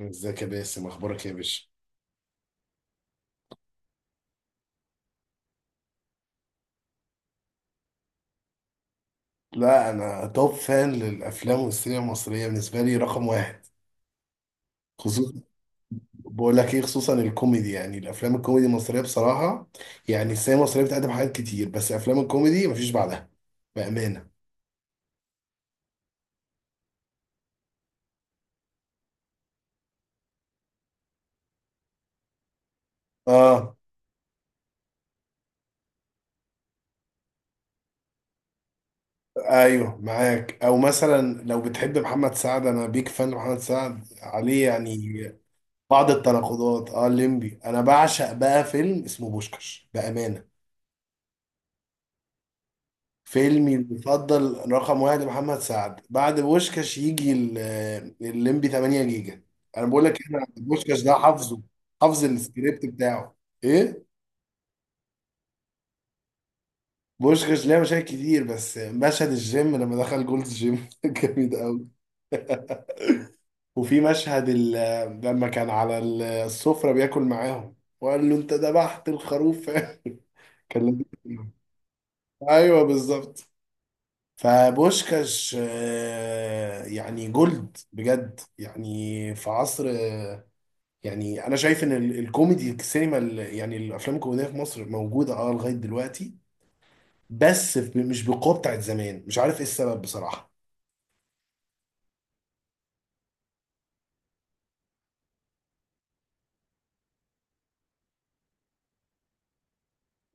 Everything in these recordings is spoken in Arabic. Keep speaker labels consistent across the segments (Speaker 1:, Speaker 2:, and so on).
Speaker 1: ازيك يا باسم، اخبارك إيه يا باشا؟ لا انا توب فان للافلام، والسينما المصريه بالنسبه لي رقم واحد خصوصا. بقول لك ايه، خصوصا الكوميدي، يعني الافلام الكوميدي المصريه بصراحه، يعني السينما المصريه بتقدم حاجات كتير، بس افلام الكوميدي مفيش بعدها بامانه. اه، ايوه معاك، او مثلا لو بتحب محمد سعد، انا بيك فان محمد سعد عليه يعني بعض التناقضات. اه الليمبي، انا بعشق بقى فيلم اسمه بوشكش بامانه. فيلمي المفضل رقم واحد محمد سعد، بعد بوشكاش يجي الليمبي 8 جيجا. انا بقول لك إيه، انا بوشكاش ده حافظه، حافظ السكريبت بتاعه. ايه؟ بوشكاش ليه مشاهد كتير، بس مشهد الجيم لما دخل جولز جيم جامد قوي. وفي مشهد لما كان على السفرة بياكل معاهم وقال له انت ذبحت الخروف كان لذيذ. ايوه بالظبط. فبوشكاش يعني جولد بجد، يعني في عصر يعني انا شايف ان الكوميدي السينما يعني الافلام الكوميديه في مصر موجوده اه لغايه دلوقتي، بس مش بالقوه بتاعت زمان، مش عارف ايه السبب بصراحه.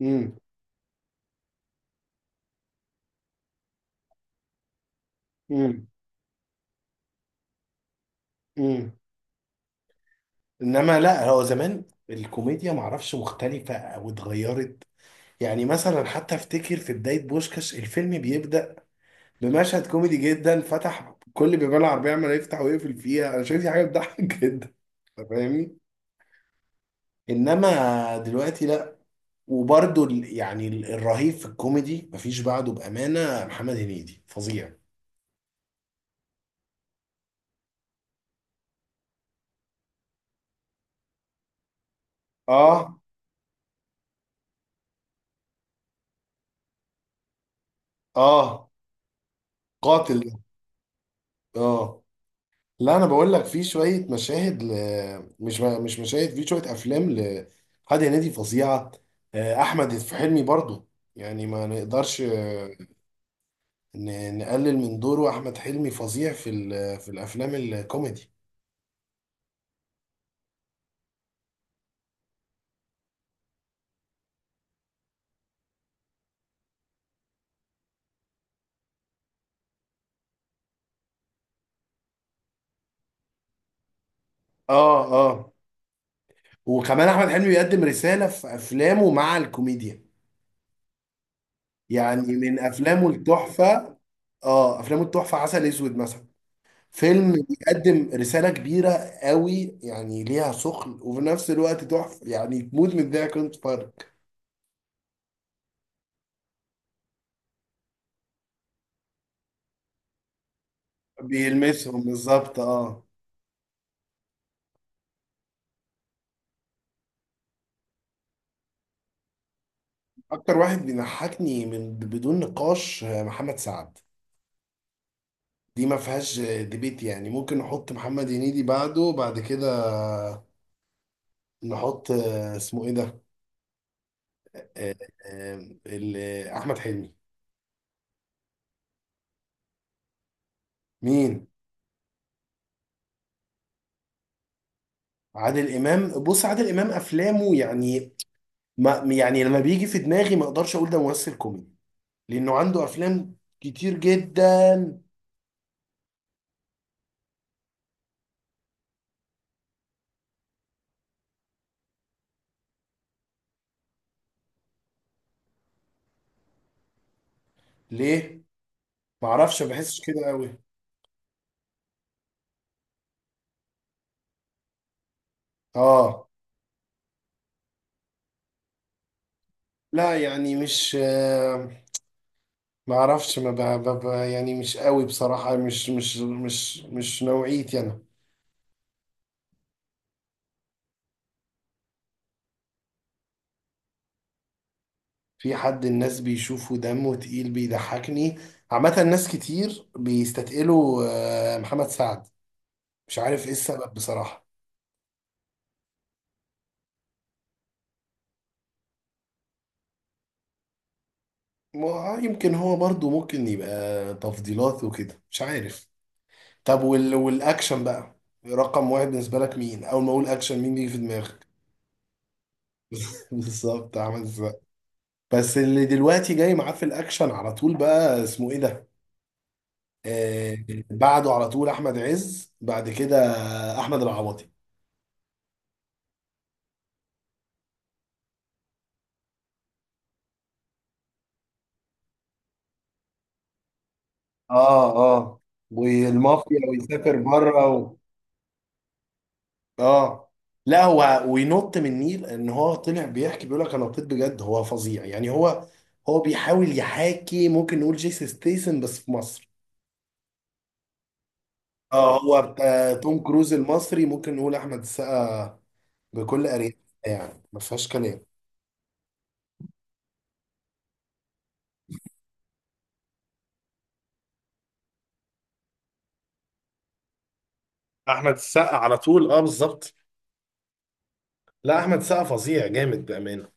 Speaker 1: امم امم امم انما لا، هو زمان الكوميديا معرفش مختلفه او اتغيرت. يعني مثلا، حتى افتكر في بدايه بوشكاش الفيلم بيبدا بمشهد كوميدي جدا، فتح كل بيبان العربية عمال يفتح ويقفل فيها، انا شايف دي حاجة بتضحك جدا. أنت فاهمني. انما دلوقتي لا. وبرده يعني الرهيب في الكوميدي مفيش بعده بأمانة، محمد هنيدي فظيع. اه اه، قاتل ده. اه، لا انا بقول لك في شوية مشاهد ل... مش مشاهد، في شوية افلام لحد هنيدي فظيعة. آه، احمد في حلمي برضو، يعني ما نقدرش نقلل من دوره، احمد حلمي فظيع في في الافلام الكوميدي. اه اه، وكمان احمد حلمي بيقدم رسالة في افلامه مع الكوميديا. يعني من افلامه التحفة، اه افلامه التحفة عسل اسود مثلا، فيلم بيقدم رسالة كبيرة قوي، يعني ليها ثقل وفي نفس الوقت تحفة، يعني تموت من الضحك وانت بتتفرج. بيلمسهم بالظبط اه. اكتر واحد بيضحكني من بدون نقاش آه، محمد سعد، دي ما فيهاش ديبيت. يعني ممكن نحط محمد هنيدي بعده، بعد كده نحط آه، اسمه ايه ده، آه، آه، آه، احمد حلمي. مين؟ عادل امام؟ بص، عادل امام افلامه يعني، ما يعني لما بيجي في دماغي ما اقدرش اقول ده ممثل كوميدي، لانه عنده افلام كتير جدا. ليه؟ ما اعرفش، ما بحسش كده قوي. اه، لا يعني مش آه، ما اعرفش، ما ب... ب... ب- يعني مش قوي بصراحة، مش نوعيتي انا. في حد الناس بيشوفه دمه تقيل بيضحكني، عامة ناس كتير بيستثقلوا آه، محمد سعد، مش عارف ايه السبب بصراحة. يمكن هو برضو ممكن يبقى تفضيلات وكده، مش عارف. طب والأكشن بقى رقم واحد بالنسبة لك مين؟ أول ما أقول أكشن مين بيجي في دماغك؟ بالظبط، عمل السقا. بس اللي دلوقتي جاي معاه في الأكشن على طول بقى اسمه إيه ده؟ آه، بعده على طول أحمد عز، بعد كده أحمد العوضي. اه اه، والمافيا ويسافر بره و... اه، لا هو وينط من النيل، ان هو طلع بيحكي بيقول لك انا نطيت بجد، هو فظيع يعني. هو هو بيحاول يحاكي ممكن نقول جيسي ستيسن بس في مصر. اه، هو بتاع توم كروز المصري ممكن نقول احمد السقا بكل اريحيه، يعني ما فيهاش كلام. احمد السقا على طول اه بالظبط. لا احمد السقا فظيع جامد بامانه.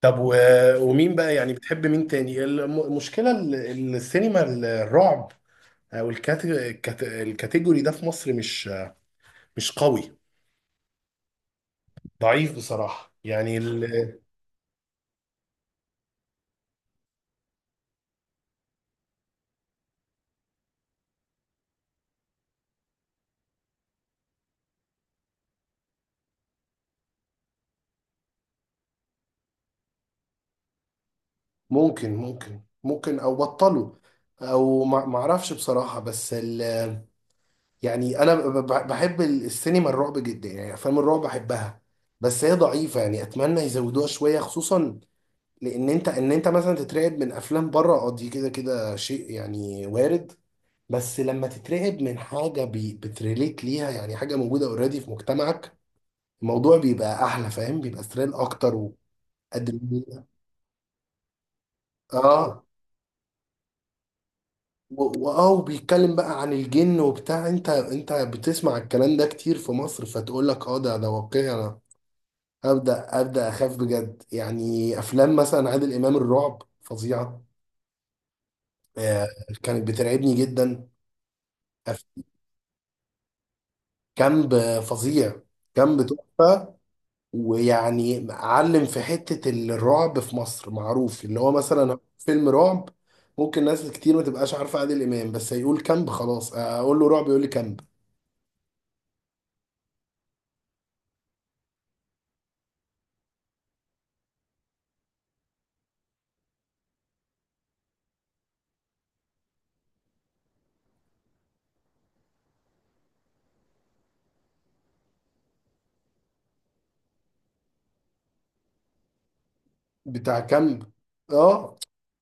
Speaker 1: طب و... ومين بقى يعني بتحب مين تاني؟ المشكله السينما الرعب الكاتيجوري ده في مصر مش مش قوي، ضعيف بصراحة يعني ال... ممكن او بطلوا، او ما اعرفش بصراحه، بس ال... يعني انا بحب السينما الرعب جدا، يعني افلام الرعب بحبها، بس هي ضعيفه، يعني اتمنى يزودوها شويه. خصوصا لان انت، ان انت مثلا تترعب من افلام بره اه، دي كده كده شيء يعني وارد، بس لما تترعب من حاجه بتريليت ليها، يعني حاجه موجوده اوريدي في مجتمعك، الموضوع بيبقى احلى، فاهم، بيبقى ثريل اكتر وادرينالين. اه، واه، وبيتكلم بقى عن الجن وبتاع، انت بتسمع الكلام ده كتير في مصر، فتقول لك اه ده واقعي، انا ابدا اخاف بجد. يعني افلام مثلا عادل امام الرعب فظيعه، آه، كانت بترعبني جدا. أف-، كامب فظيع، كامب تحفه. ويعني علم في حتة الرعب في مصر معروف، اللي هو مثلا فيلم رعب، ممكن ناس كتير ما تبقاش عارفة عادل إمام، بس هيقول كامب خلاص، أقول له رعب يقول لي كامب. بتاع كامب اه،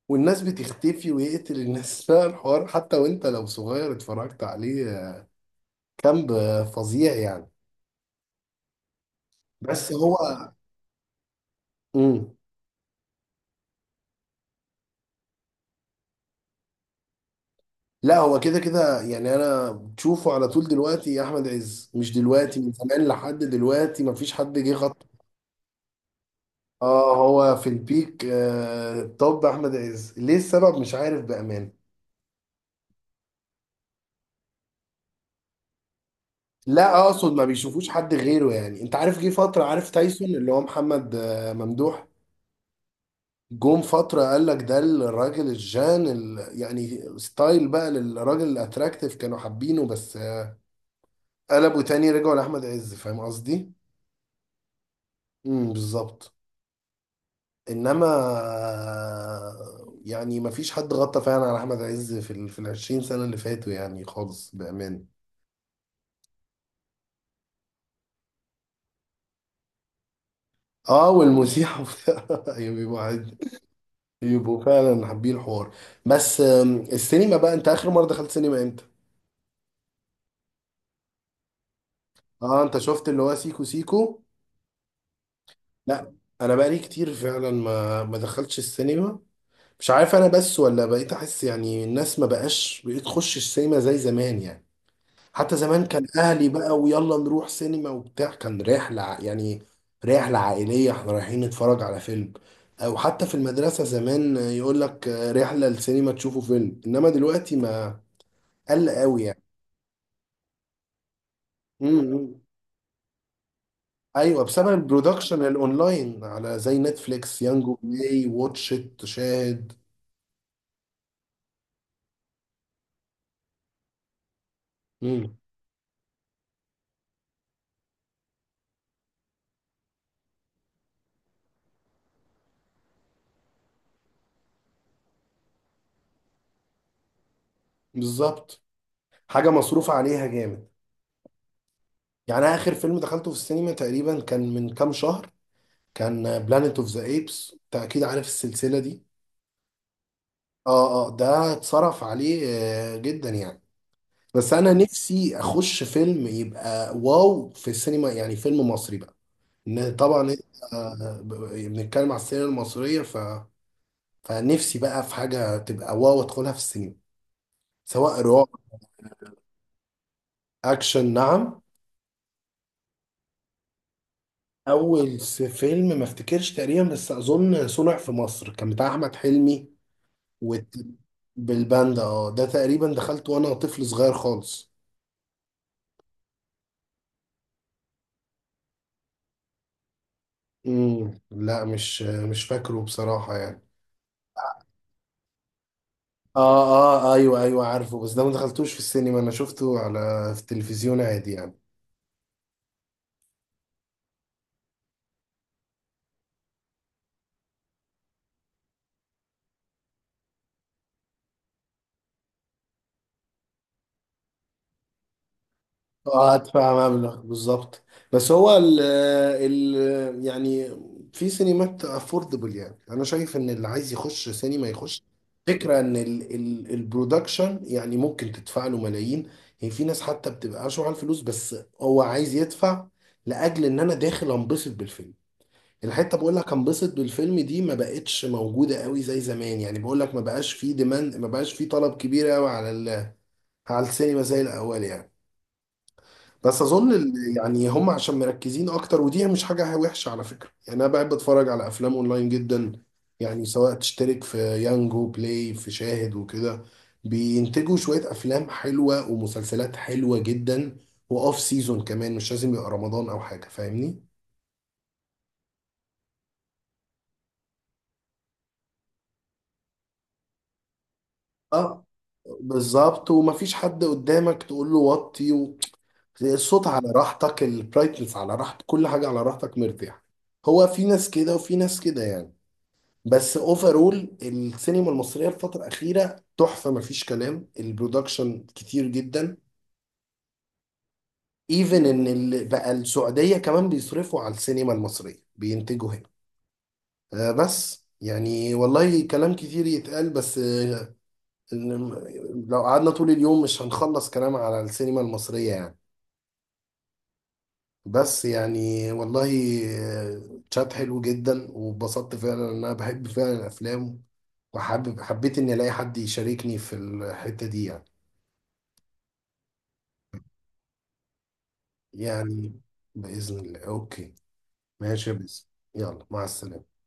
Speaker 1: والناس بتختفي ويقتل الناس لا الحوار حتى وانت لو صغير اتفرجت عليه كامب، فظيع يعني. بس هو مم. لا هو كده كده يعني، انا بتشوفه على طول دلوقتي يا احمد عز، مش دلوقتي، من زمان لحد دلوقتي مفيش حد جه خط. اه، هو في البيك آه. طب احمد عز ليه؟ السبب مش عارف بامان. لا اقصد ما بيشوفوش حد غيره يعني. انت عارف جه فتره عارف تايسون، اللي هو محمد آه ممدوح، جم فتره قال لك ده الراجل الجان ال... يعني ستايل بقى للراجل الاتراكتيف، كانوا حابينه، بس آه قلبوا تاني رجعوا لاحمد عز، فاهم قصدي. بالظبط. انما آه، يعني ما فيش حد غطى فعلا على احمد عز في ال في 20 سنه اللي فاتوا، يعني خالص بامان. اه والمسيح وبتاع. ايوه بيبقوا عادي. يبقوا فعلا حابين الحوار. بس آم، السينما بقى، انت اخر مره دخلت سينما امتى؟ اه، انت شفت اللي هو سيكو سيكو؟ لا. انا بقالي كتير فعلا ما ما دخلتش السينما، مش عارف انا، بس ولا بقيت احس يعني الناس ما بقاش بقيت تخش السينما زي زمان يعني. حتى زمان كان اهلي بقى، ويلا نروح سينما وبتاع، كان رحلة يعني رحلة عائلية، احنا رايحين نتفرج على فيلم، او حتى في المدرسة زمان يقول لك رحلة السينما تشوفوا فيلم، انما دلوقتي ما قل قوي يعني. امم. ايوه بسبب البرودكشن الاونلاين على زي نتفليكس يانجو بلاي واتش ات شاهد. امم بالظبط. حاجة مصروف عليها جامد. يعني اخر فيلم دخلته في السينما تقريبا كان من كام شهر، كان بلانيت اوف ذا ايبس، انت اكيد عارف السلسله دي. اه اه، ده اتصرف عليه آه جدا يعني، بس انا نفسي اخش فيلم يبقى واو في السينما، يعني فيلم مصري بقى. ان طبعا آه، بنتكلم على السينما المصريه ف... فنفسي بقى في حاجه تبقى واو ادخلها في السينما، سواء رعب اكشن. نعم؟ اول فيلم ما افتكرش تقريبا، بس اظن صنع في مصر كان بتاع احمد حلمي، وت... بالباندا، اه ده تقريبا دخلت وانا طفل صغير خالص. امم، لا مش مش فاكره بصراحة يعني. اه اه ايوه ايوه عارفه، بس ده ما دخلتوش في السينما، انا شفته على في التلفزيون عادي يعني. اه هدفع مبلغ بالظبط. بس هو ال ال يعني في سينمات افوردبل، يعني انا شايف ان اللي عايز يخش سينما يخش. فكرة ان ال ال البرودكشن يعني ممكن تدفع له ملايين، هي في ناس حتى بتبقى اشوع على الفلوس بس، هو عايز يدفع لاجل ان انا داخل انبسط بالفيلم. الحته بقول لك انبسط بالفيلم دي ما بقتش موجوده قوي زي زمان يعني، بقول لك ما بقاش في ديماند، ما بقاش في طلب كبير قوي على على السينما زي الاول يعني. بس اظن ال- يعني هم عشان مركزين اكتر، ودي مش حاجه وحشه على فكره، يعني انا بحب اتفرج على افلام اونلاين جدا، يعني سواء تشترك في يانجو بلاي في شاهد وكده، بينتجوا شويه افلام حلوه ومسلسلات حلوه جدا، واوف سيزون كمان، مش لازم يبقى رمضان او حاجه، فاهمني. اه بالظبط، ومفيش حد قدامك تقول له وطي و... الصوت على راحتك، البرايتنس على راحتك، كل حاجه على راحتك مرتاح. هو في ناس كده وفي ناس كده يعني. بس اوفرول السينما المصريه الفتره الاخيره تحفه، مفيش كلام، البرودكشن كتير جدا. ايفن ان ال- بقى السعوديه كمان بيصرفوا على السينما المصريه، بينتجوا هنا. آه، بس يعني والله كلام كتير يتقال، بس آه إن- لو قعدنا طول اليوم مش هنخلص كلام على السينما المصريه يعني. بس يعني والله آه، تشات حلو جدا، واتبسطت فعلا ان انا بحب فعلا الافلام، وحابب حبيت اني الاقي حد يشاركني في الحته دي يعني. يعني بإذن الله، أوكي، ماشي يا باسم، يلا مع السلامة.